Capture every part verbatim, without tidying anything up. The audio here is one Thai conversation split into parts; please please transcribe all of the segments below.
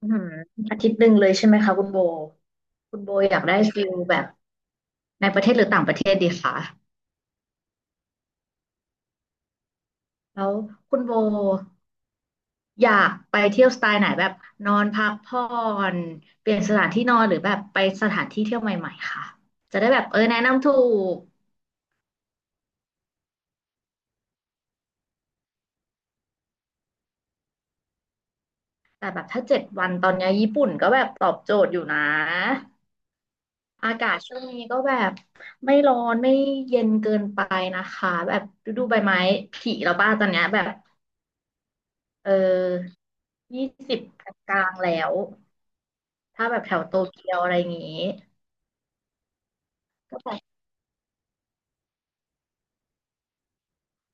อืมอาทิตย์หนึ่งเลยใช่ไหมคะคุณโบคุณโบอยากได้ฟิลแบบในประเทศหรือต่างประเทศดีคะแล้วคุณโบอยากไปเที่ยวสไตล์ไหนแบบนอนพักผ่อนเปลี่ยนสถานที่นอนหรือแบบไปสถานที่เที่ยวใหม่ๆค่ะจะได้แบบเออแนะนำถูกแต่แบบถ้าเจ็ดวันตอนเนี้ยญี่ปุ่นก็แบบตอบโจทย์อยู่นะอากาศช่วงนี้ก็แบบไม่ร้อนไม่เย็นเกินไปนะคะแบบฤดูใบไม้ผลิแล้วป้าตอนเนี้ยแบบเออ ยี่สิบกลางๆแล้วถ้าแบบแถวโตเกียวอะไรอย่างงี้ก็แบบ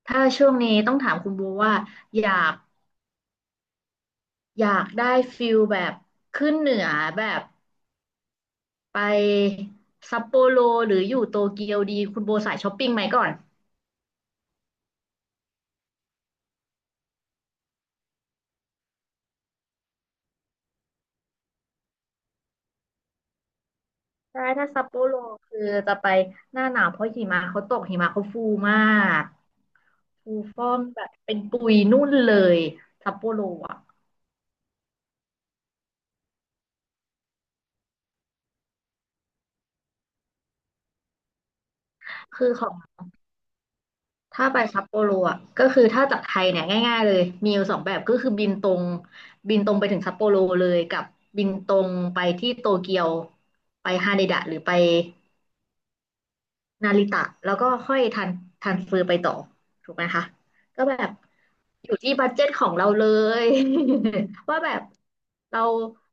ถ้าช่วงนี้ต้องถามคุณบูว่าอยากอยากได้ฟิลแบบขึ้นเหนือแบบไปซัปโปโรหรืออยู่โตเกียวดีคุณโบสายช้อปปิ้งไหมก่อนใช่ถ้าซัปโปโรคือจะไปหน้าหนาวเพราะหิมะเขาตกหิมะเขาฟูมากฟูฟ่องแบบเป็นปุยนุ่นเลยซัปโปโรอ่ะคือของ ถ้าไปซัปโปโรอ่ะก็คือถ้าจากไทยเนี่ยง่ายๆเลยมีอยู่สองแบบก็คือบินตรงบินตรงไปถึงซัปโปโรเลยกับบินตรงไปที่โตเกียวไปฮาเดดะหรือไปนาริตะแล้วก็ค่อยทันทันเฟอร์ไปต่อถูกไหมคะก็แบบอยู่ที่บัดเจ็ตของเราเลย ว่าแบบเรา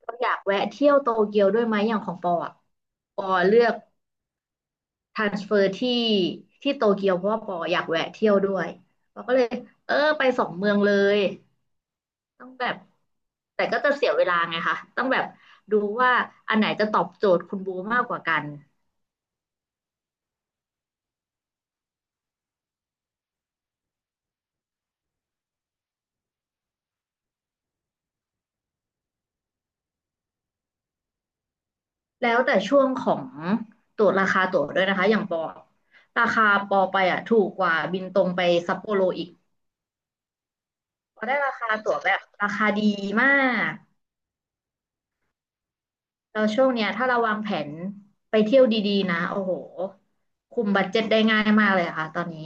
เราอยากแวะเที่ยวโตเกียวด้วยไหมอย่างของปออ่ะปอเลือก ทรานสเฟอร์ที่ที่โตเกียวเพราะว่าปออยากแวะเที่ยวด้วยปอก็เลยเออไปสองเมืองเลยต้องแบบแต่ก็จะเสียเวลาไงคะต้องแบบดูว่าอันไหนจะตอบโจทย์คุณบูมากกว่ากันแล้วแต่ช่วงของตั๋วราคาตั๋วด้วยนะคะอย่างปอราคาปอไปอ่ะถูกกว่าบินตรงไปซัปโปโรอีกปอได้ราคาตั๋วแบบราคาดีมากแล้วช่วงเนี้ยถ้าเราวางแผนไปเที่ยวดีๆนะโอ้โหคุมบัดเจ็ตได้ง่ายมากเลยอะค่ะตอนนี้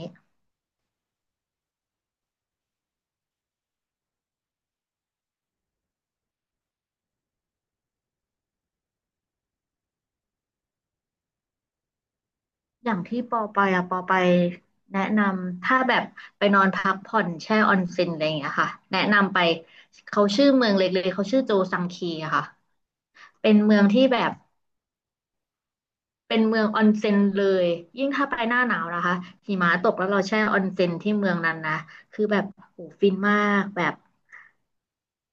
อย่างที่ปอไปอะปอไปแนะนำถ้าแบบไปนอนพักผ่อนแช่ออนเซ็นอะไรอย่างเงี้ยค่ะแนะนำไปเขาชื่อเมืองเล็กๆเขาชื่อโจซังคีอะค่ะเป็นเมืองที่แบบ เป็นเมืองออนเซ็นเลยยิ่งถ้าไปหน้าหนาวนะคะหิมะตกแล้วเราแช่ออนเซ็นที่เมืองนั้นนะคือแบบโหฟินมากแบบ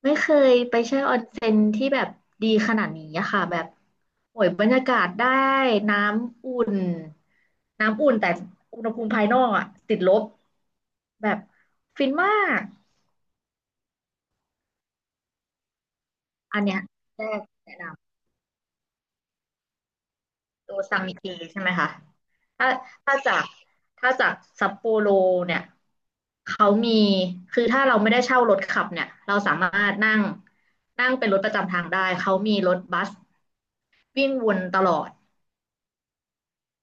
ไม่เคยไปแช่ออนเซ็นที่แบบดีขนาดนี้อะค่ะแบบโอ้ยบรรยากาศได้น้ำอุ่นน้ำอุ่นแต่อุณหภูมิภายนอกอะติดลบแบบฟินมากอันเนี้ยแรกแนะน ตัวซังเกใช่ไหมคะ ถ้าถ้าจากถ้าจากซัปโปโรเนี่ยเขามีคือถ้าเราไม่ได้เช่ารถขับเนี่ยเราสามารถนั่งนั่งเป็นรถประจำทางได้เขามีรถบัสวิ่งวนตลอด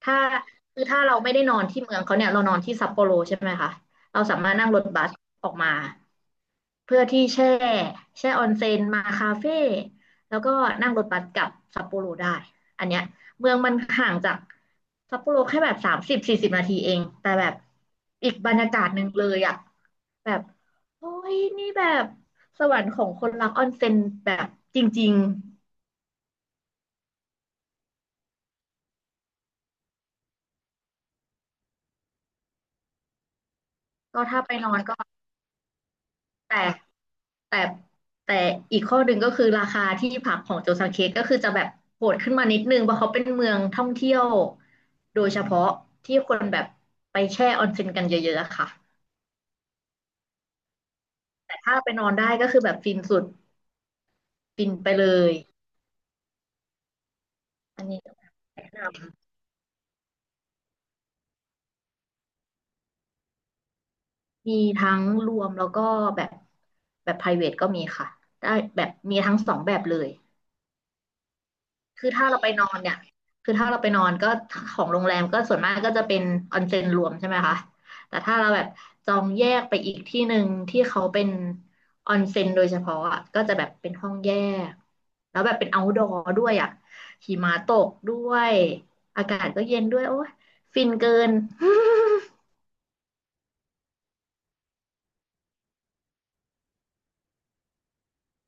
ถ้าคือถ้าเราไม่ได้นอนที่เมืองเขาเนี่ยเรานอนที่ซัปโปโรใช่ไหมคะเราสามารถนั่งรถบัสออกมาเพื่อที่แช่แช่ออนเซ็นมาคาเฟ่แล้วก็นั่งรถบัสกลับซัปโปโรได้อันเนี้ยเมืองมันห่างจากซัปโปโรแค่แบบสามสิบสี่สิบนาทีเองแต่แบบอีกบรรยากาศหนึ่งเลยอะแบบโอ้ยนี่แบบสวรรค์ของคนรักออนเซ็นแบบจริงๆก็ถ้าไปนอนก็แต่ แต่แต่อีกข้อหนึ่งก็คือราคาที่พักของโจซังเคก็คือจะแบบโหดขึ้นมานิดนึงเพราะเขาเป็นเมืองท่องเที่ยวโดยเฉพาะที่คนแบบไปแช่ออนเซ็นกันเยอะๆอะค่ะแต่ถ้าไปนอนได้ก็คือแบบฟินสุดฟินไปเลยอันนี้ก็แนะนำมีทั้งรวมแล้วก็แบบแบบ private ก็มีค่ะได้แบบมีทั้งสองแบบเลย คือถ้าเราไปนอนเนี่ยคือถ้าเราไปนอนก็ของโรงแรมก็ส่วนมากก็จะเป็นออนเซ็นรวมใช่ไหมคะแต่ถ้าเราแบบจองแยกไปอีกที่หนึ่งที่เขาเป็นออนเซ็นโดยเฉพาะอะก็จะแบบเป็นห้องแยกแล้วแบบเป็น outdoor ด้วยอ่ะหิมะตกด้วยอากาศก็เย็นด้วยโอ้ยฟินเกิน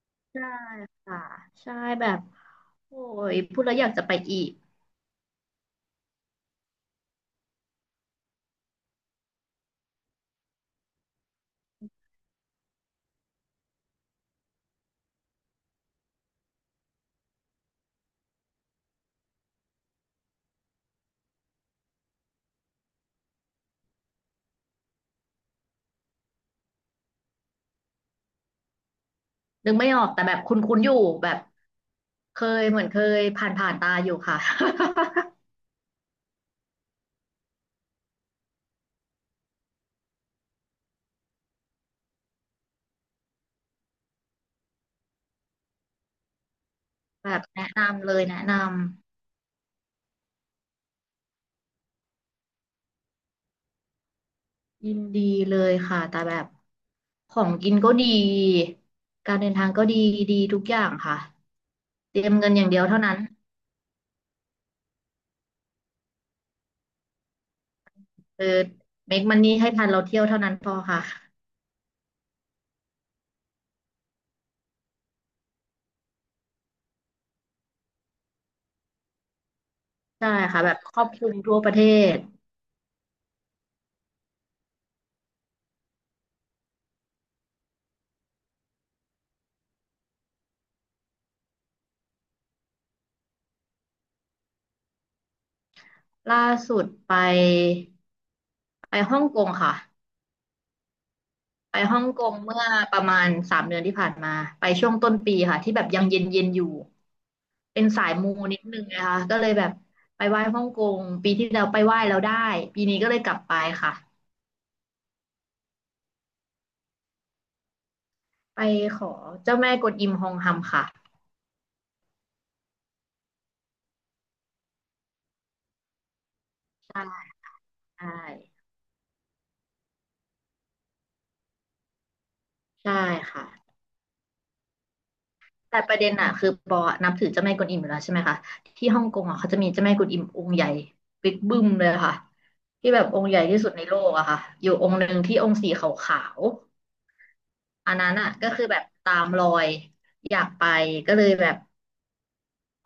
ใช่ค่ะใช่แบบโอ้ยพูดแล้วอยากจะไปอีก นึกไม่ออกแต่แบบคุ้นๆอยู่แบบเคยเหมือนเคยผ่านผ่านตาอยู่ค่ะ แบบแนะนำเลยแนะนำยินดีเลยค่ะแต่แบบของกินก็ดีการเดินทางก็ดีดีทุกอย่างค่ะเตรียมเงินอย่างเดียวเท่านั้นเออเมคมันนี่ให้ทันเราเที่ยวเท่านั้นพอค่ะใช่ค่ะแบบครอบคลุมทั่วประเทศล่าสุดไปไปฮ่องกงค่ะ ไปฮ่องกงเมื่อประมาณสามเดือนที่ผ่านมาไปช่วงต้นปีค่ะที่แบบยังเย็นเย็นอยู่เป็นสายมูนิดนึงนะคะก็เลยแบบไปไหว้ฮ่องกงปีที่แล้วไปไหว้แล้วได้ปีนี้ก็เลยกลับไปค่ะไปขอเจ้าแม่กวนอิมฮองฮัมค่ะใช่ใช่ใช่ค่ะแต่ประเด็นอะคือปอนับถือเจ้าแม่กวนอิมอยู่แล้วใช่ไหมคะที่ฮ่องกงอะเขาจะมีเจ้าแม่กวนอิมองค์ใหญ่บิ๊กบึ้มเลยค่ะที่แบบองค์ใหญ่ที่สุดในโลกอะค่ะอยู่องค์หนึ่งที่องค์สีขาว อันนั้นอ่ะก็คือแบบตามรอยอยากไปก็เลยแบบไป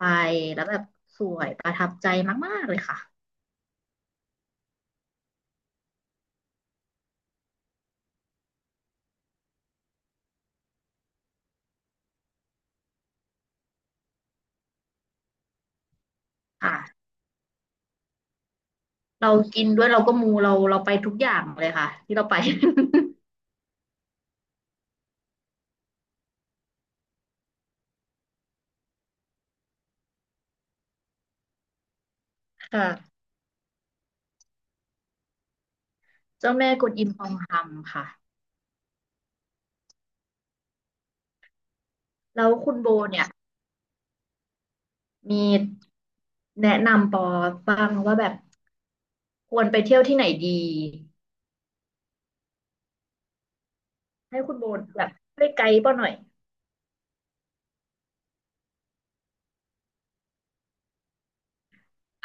แล้วแบบสวยประทับใจมากๆเลยค่ะค่ะเรากินด้วยเราก็มูเราเราไปทุกอย่างเลยค่ะที่เราไป ค่ะเจ้าแม่กวนอิมทองคำค่ะแล้วคุณโบเนี่ยมีแนะนำปอบ้างว่าแบบควรไปเที่ยวที่ไหนดีให้คุณโบแบบช่วยไกด์ปอหน่อย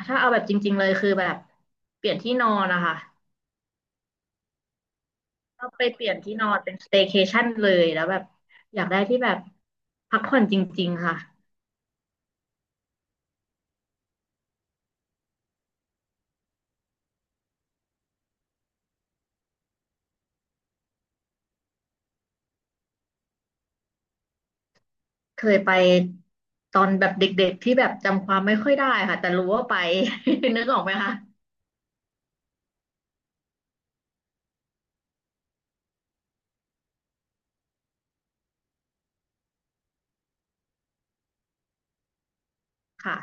ถ้าเอาแบบจริงๆเลยคือแบบเปลี่ยนที่นอนนะคะ เราไปเปลี่ยนที่นอนเป็นสเต y c a ชั่นเลยแล้วแบบอยากได้ที่แบบพักผ่อนจริงๆค่ะเคยไปตอนแบบเด็กๆที่แบบจำความไม่ค่อยได้ค่ะแต่รู้ว่าไป นึกออกไหมคะค่ะ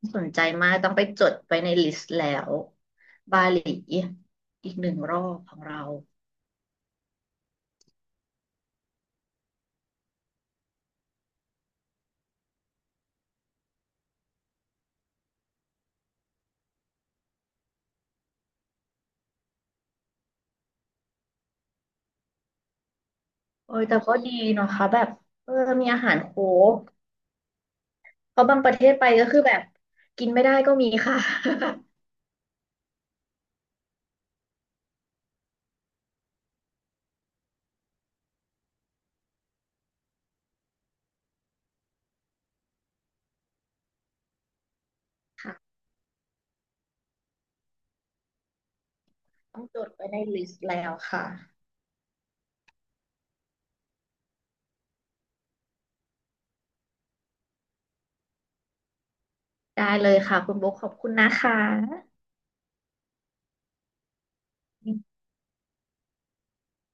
น่าสนใจมากต้องไปจดไปในลิสต์แล้วบาหลีอีกหนึ่งรอบของเราโอ้ยแต่ก็ดีเนาะคะแบบเออมีอาหารโคกเพราะบางประเทศไปก็คือแบบกินไม่ได้ก็มีค่ะ ค่ะต้องจดไว้ในลิสต์แล้วค่ะ ได้เลยค่ะคุณโบคขอบคุณนะคะ